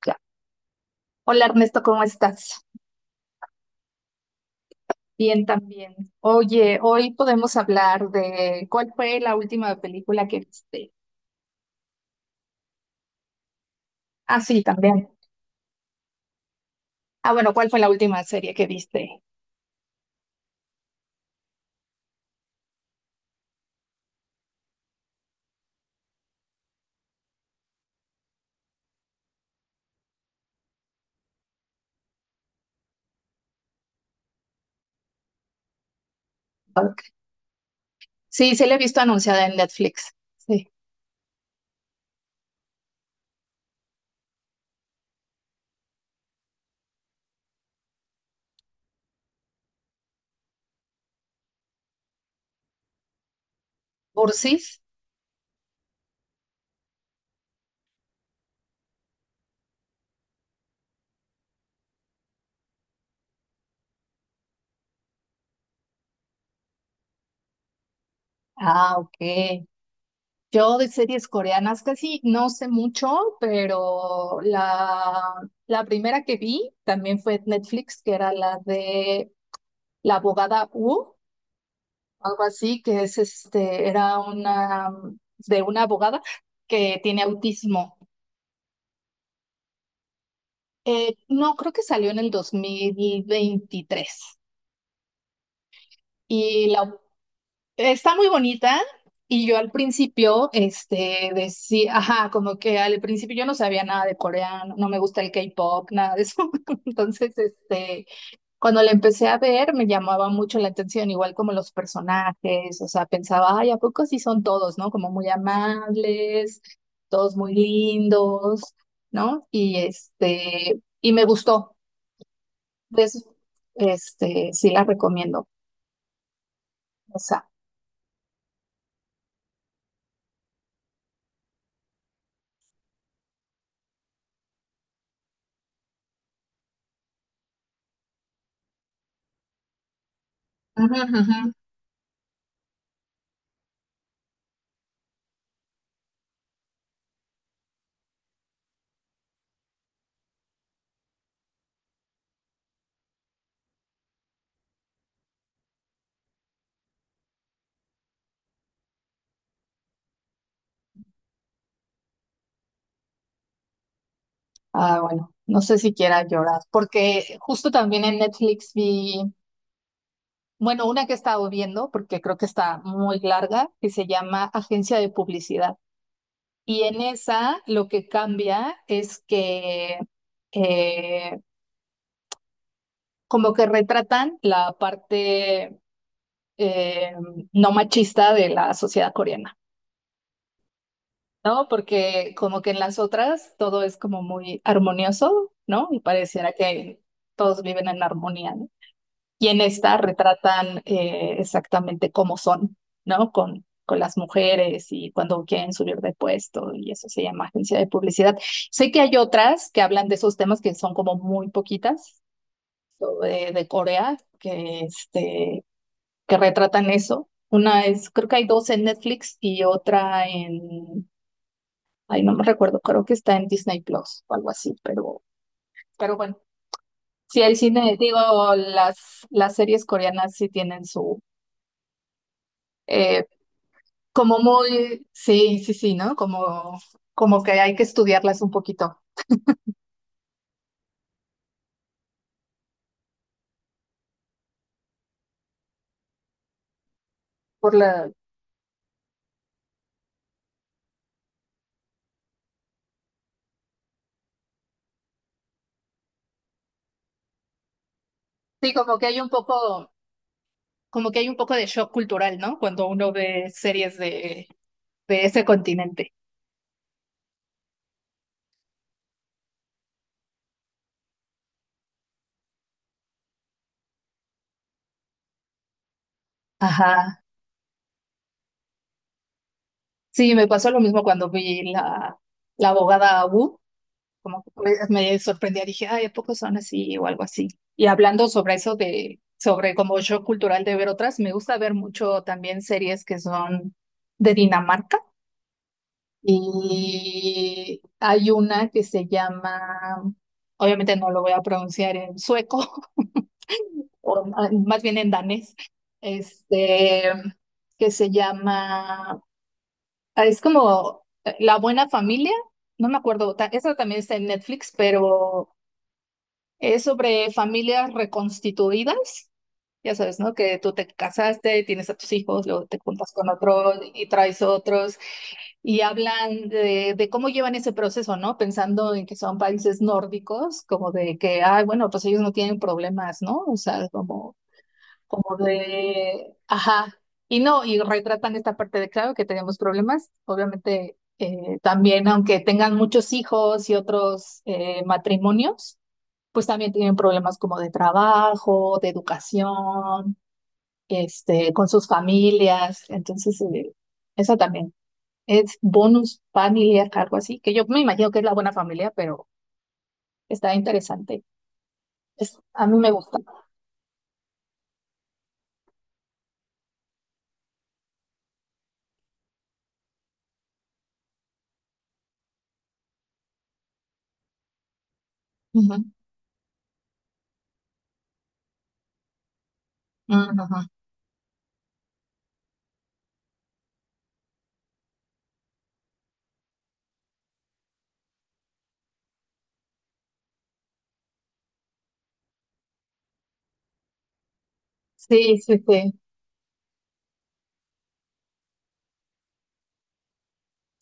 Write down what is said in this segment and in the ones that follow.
Claro. Hola Ernesto, ¿cómo estás? Bien también. Oye, hoy podemos hablar de cuál fue la última película que viste. Ah, sí, también. Ah, bueno, ¿cuál fue la última serie que viste? Ok. Sí, sí la he visto anunciada en Netflix. Sí. ¿Cursis? Ah, ok. Yo de series coreanas casi no sé mucho, pero la primera que vi también fue en Netflix, que era la de La abogada U. Algo así, que es este, era una de una abogada que tiene autismo. No, creo que salió en el 2023 y la, está muy bonita. Y yo al principio, este, decía, ajá, como que al principio yo no sabía nada de coreano, no me gusta el K-pop, nada de eso. Entonces, este, cuando la empecé a ver, me llamaba mucho la atención, igual como los personajes, o sea, pensaba, ay, ¿a poco sí son todos, no? Como muy amables, todos muy lindos, ¿no? Y este, y me gustó. Entonces, este, sí la recomiendo. O sea, ujú, ujú. Ah, bueno, no sé si quiera llorar, porque justo también en Netflix vi, bueno, una que he estado viendo, porque creo que está muy larga, que se llama Agencia de Publicidad. Y en esa lo que cambia es que eh, como que retratan la parte eh, no machista de la sociedad coreana, ¿no? Porque como que en las otras todo es como muy armonioso, ¿no? Y pareciera que todos viven en armonía, ¿no? Y en esta retratan exactamente cómo son, ¿no? Con las mujeres y cuando quieren subir de puesto y eso se llama agencia de publicidad. Sé que hay otras que hablan de esos temas que son como muy poquitas o de Corea que, este, que retratan eso. Una es, creo que hay dos en Netflix y otra en, ay, no me recuerdo, creo que está en Disney Plus o algo así, pero bueno. Sí, el cine, digo, las, las series coreanas sí tienen su, eh. Como muy, sí, sí, sí, ¿no? Como, como que hay que estudiarlas un poquito por la, sí, como que hay un poco, como que hay un poco de shock cultural, ¿no? Cuando uno ve series de ese continente. Ajá. Sí, me pasó lo mismo cuando vi la, la abogada Wu, como que pues me sorprendía, dije, ay, ¿a poco son así o algo así? Y hablando sobre eso de, sobre como shock cultural de ver otras, me gusta ver mucho también series que son de Dinamarca. Y hay una que se llama, obviamente no lo voy a pronunciar en sueco, o más bien en danés, este, que se llama, ah, es como La Buena Familia, no me acuerdo, ta- esa también está en Netflix, pero es sobre familias reconstituidas. Ya sabes, ¿no? Que tú te casaste, tienes a tus hijos, luego te juntas con otro y traes otros. Y hablan de cómo llevan ese proceso, ¿no? Pensando en que son países nórdicos, como de que, ay, bueno, pues ellos no tienen problemas, ¿no? O sea, como, como de, ajá, y no, y retratan esta parte de, claro, que tenemos problemas, obviamente, también, aunque tengan muchos hijos y otros matrimonios, pues también tienen problemas como de trabajo, de educación, este, con sus familias, entonces, eso también. Es bonus familia, algo así, que yo me imagino que es la buena familia, pero está interesante. Es, a mí me gusta. Ujú, ujú, ujú. Sí, sí, sí.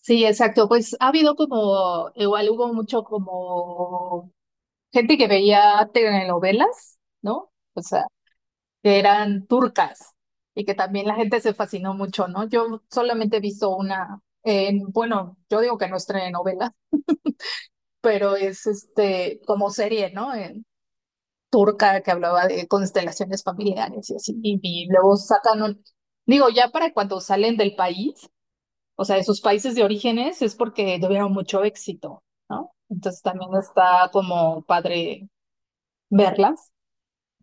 Sí, exacto. Pues ha habido como, igual hubo mucho como gente que veía telenovelas, ¿no? O sea, que eran turcas y que también la gente se fascinó mucho, ¿no? Yo solamente he visto una, en, bueno, yo digo que no es telenovela, pero es este como serie, ¿no? En- turca que hablaba de constelaciones familiares y así, y luego sacan un, digo, ya para cuando salen del país, o sea, de sus países de orígenes, es porque tuvieron mucho éxito, ¿no? Entonces también está como padre verlas,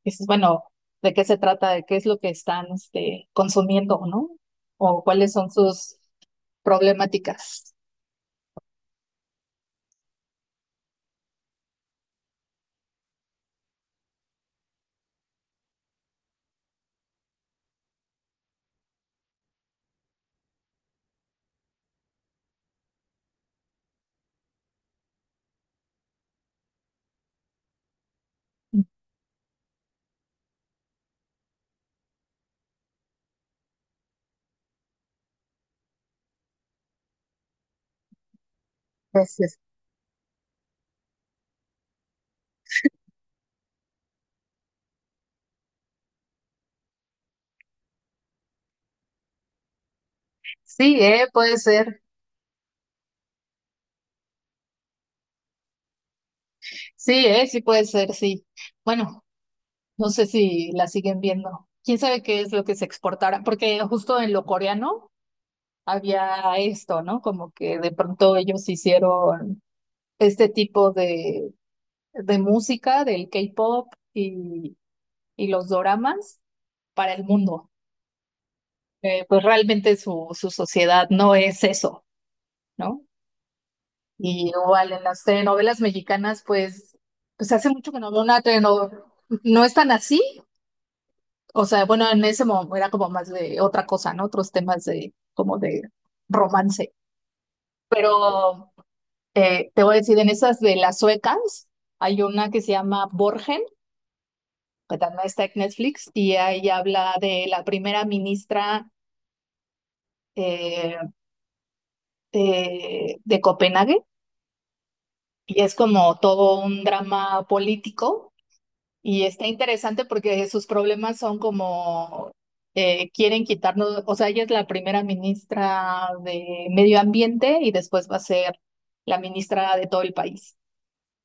y dices, bueno, ¿de qué se trata? ¿De qué es lo que están este, consumiendo, ¿no? O cuáles son sus problemáticas. Entonces, sí, puede ser, sí, sí puede ser, sí. Bueno, no sé si la siguen viendo. ¿Quién sabe qué es lo que se exportará? Porque justo en lo coreano había esto, ¿no? Como que de pronto ellos hicieron este tipo de música del K-pop y los doramas para el mundo. Pues realmente su, su sociedad no es eso, ¿no? Y igual en las telenovelas mexicanas, pues, pues hace mucho que no veo una telenovela. No es tan así. O sea, bueno, en ese momento era como más de otra cosa, ¿no? Otros temas de como de romance. Pero te voy a decir, en esas de las suecas, hay una que se llama Borgen, que también está en Netflix, y ahí habla de la primera ministra eh, de Copenhague, y es como todo un drama político. Y está interesante porque sus problemas son como quieren quitarnos, o sea, ella es la primera ministra de Medio Ambiente y después va a ser la ministra de todo el país.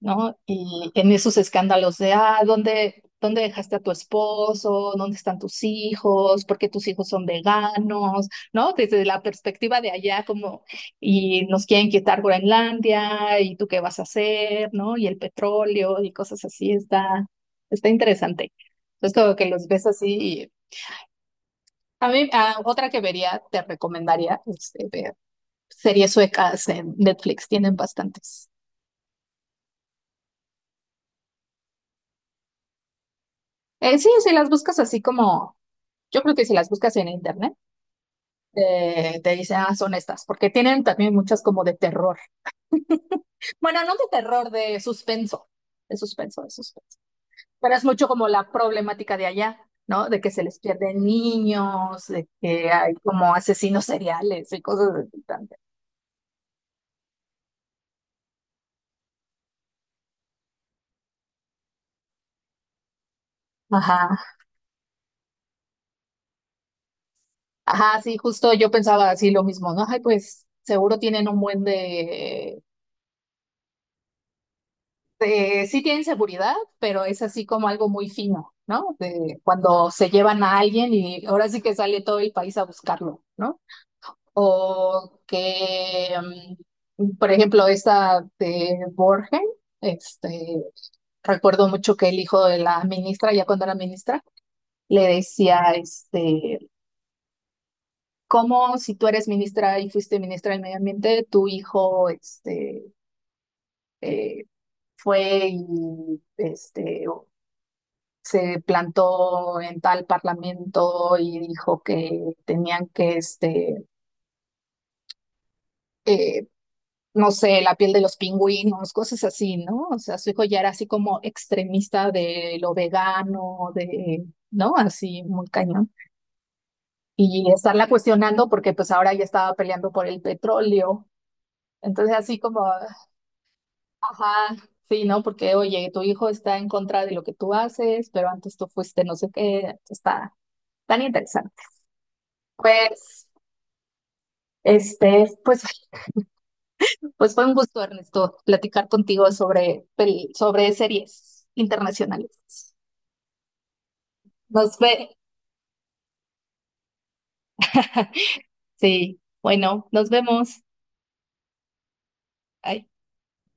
¿No? Y en esos escándalos de, ah, ¿dónde, dónde dejaste a tu esposo? ¿Dónde están tus hijos? ¿Por qué tus hijos son veganos? ¿No? Desde la perspectiva de allá, como, y nos quieren quitar Groenlandia, ¿y tú qué vas a hacer? ¿No? Y el petróleo y cosas así, está, está interesante. Entonces, como que los ves así. Y- a mí, ah, otra que vería, te recomendaría, este, ver series suecas en Netflix, tienen bastantes. Sí, si las buscas así como yo creo que si las buscas en internet, te dicen, ah, son estas, porque tienen también muchas como de terror. Bueno, no de terror, de suspenso, de suspenso, de suspenso. Pero es mucho como la problemática de allá, ¿no? De que se les pierden niños, de que hay como asesinos seriales y cosas de también. Ajá, ajá, sí, justo yo pensaba así lo mismo, ¿no? Ay, pues seguro tienen un buen de sí tienen seguridad, pero es así como algo muy fino, ¿no? De cuando se llevan a alguien y ahora sí que sale todo el país a buscarlo, ¿no? O que, mm, por ejemplo, esta de Borgen, este, recuerdo mucho que el hijo de la ministra, ya cuando era ministra, le decía, este, ¿cómo si tú eres ministra y fuiste ministra del medio ambiente, tu hijo, este, eh, fue y este, se plantó en tal parlamento y dijo que tenían que, este, eh, no sé, la piel de los pingüinos, cosas así, ¿no? O sea, su hijo ya era así como extremista de lo vegano, de, ¿no? Así muy cañón. Y estarla cuestionando porque pues ahora ya estaba peleando por el petróleo. Entonces así como, ajá. Sí, ¿no? Porque, oye, tu hijo está en contra de lo que tú haces, pero antes tú fuiste no sé qué, está tan interesante. Pues este, pues, pues fue un gusto, Ernesto, platicar contigo sobre, pel- sobre series internacionales. Nos ve. Sí, bueno, nos vemos. Bye.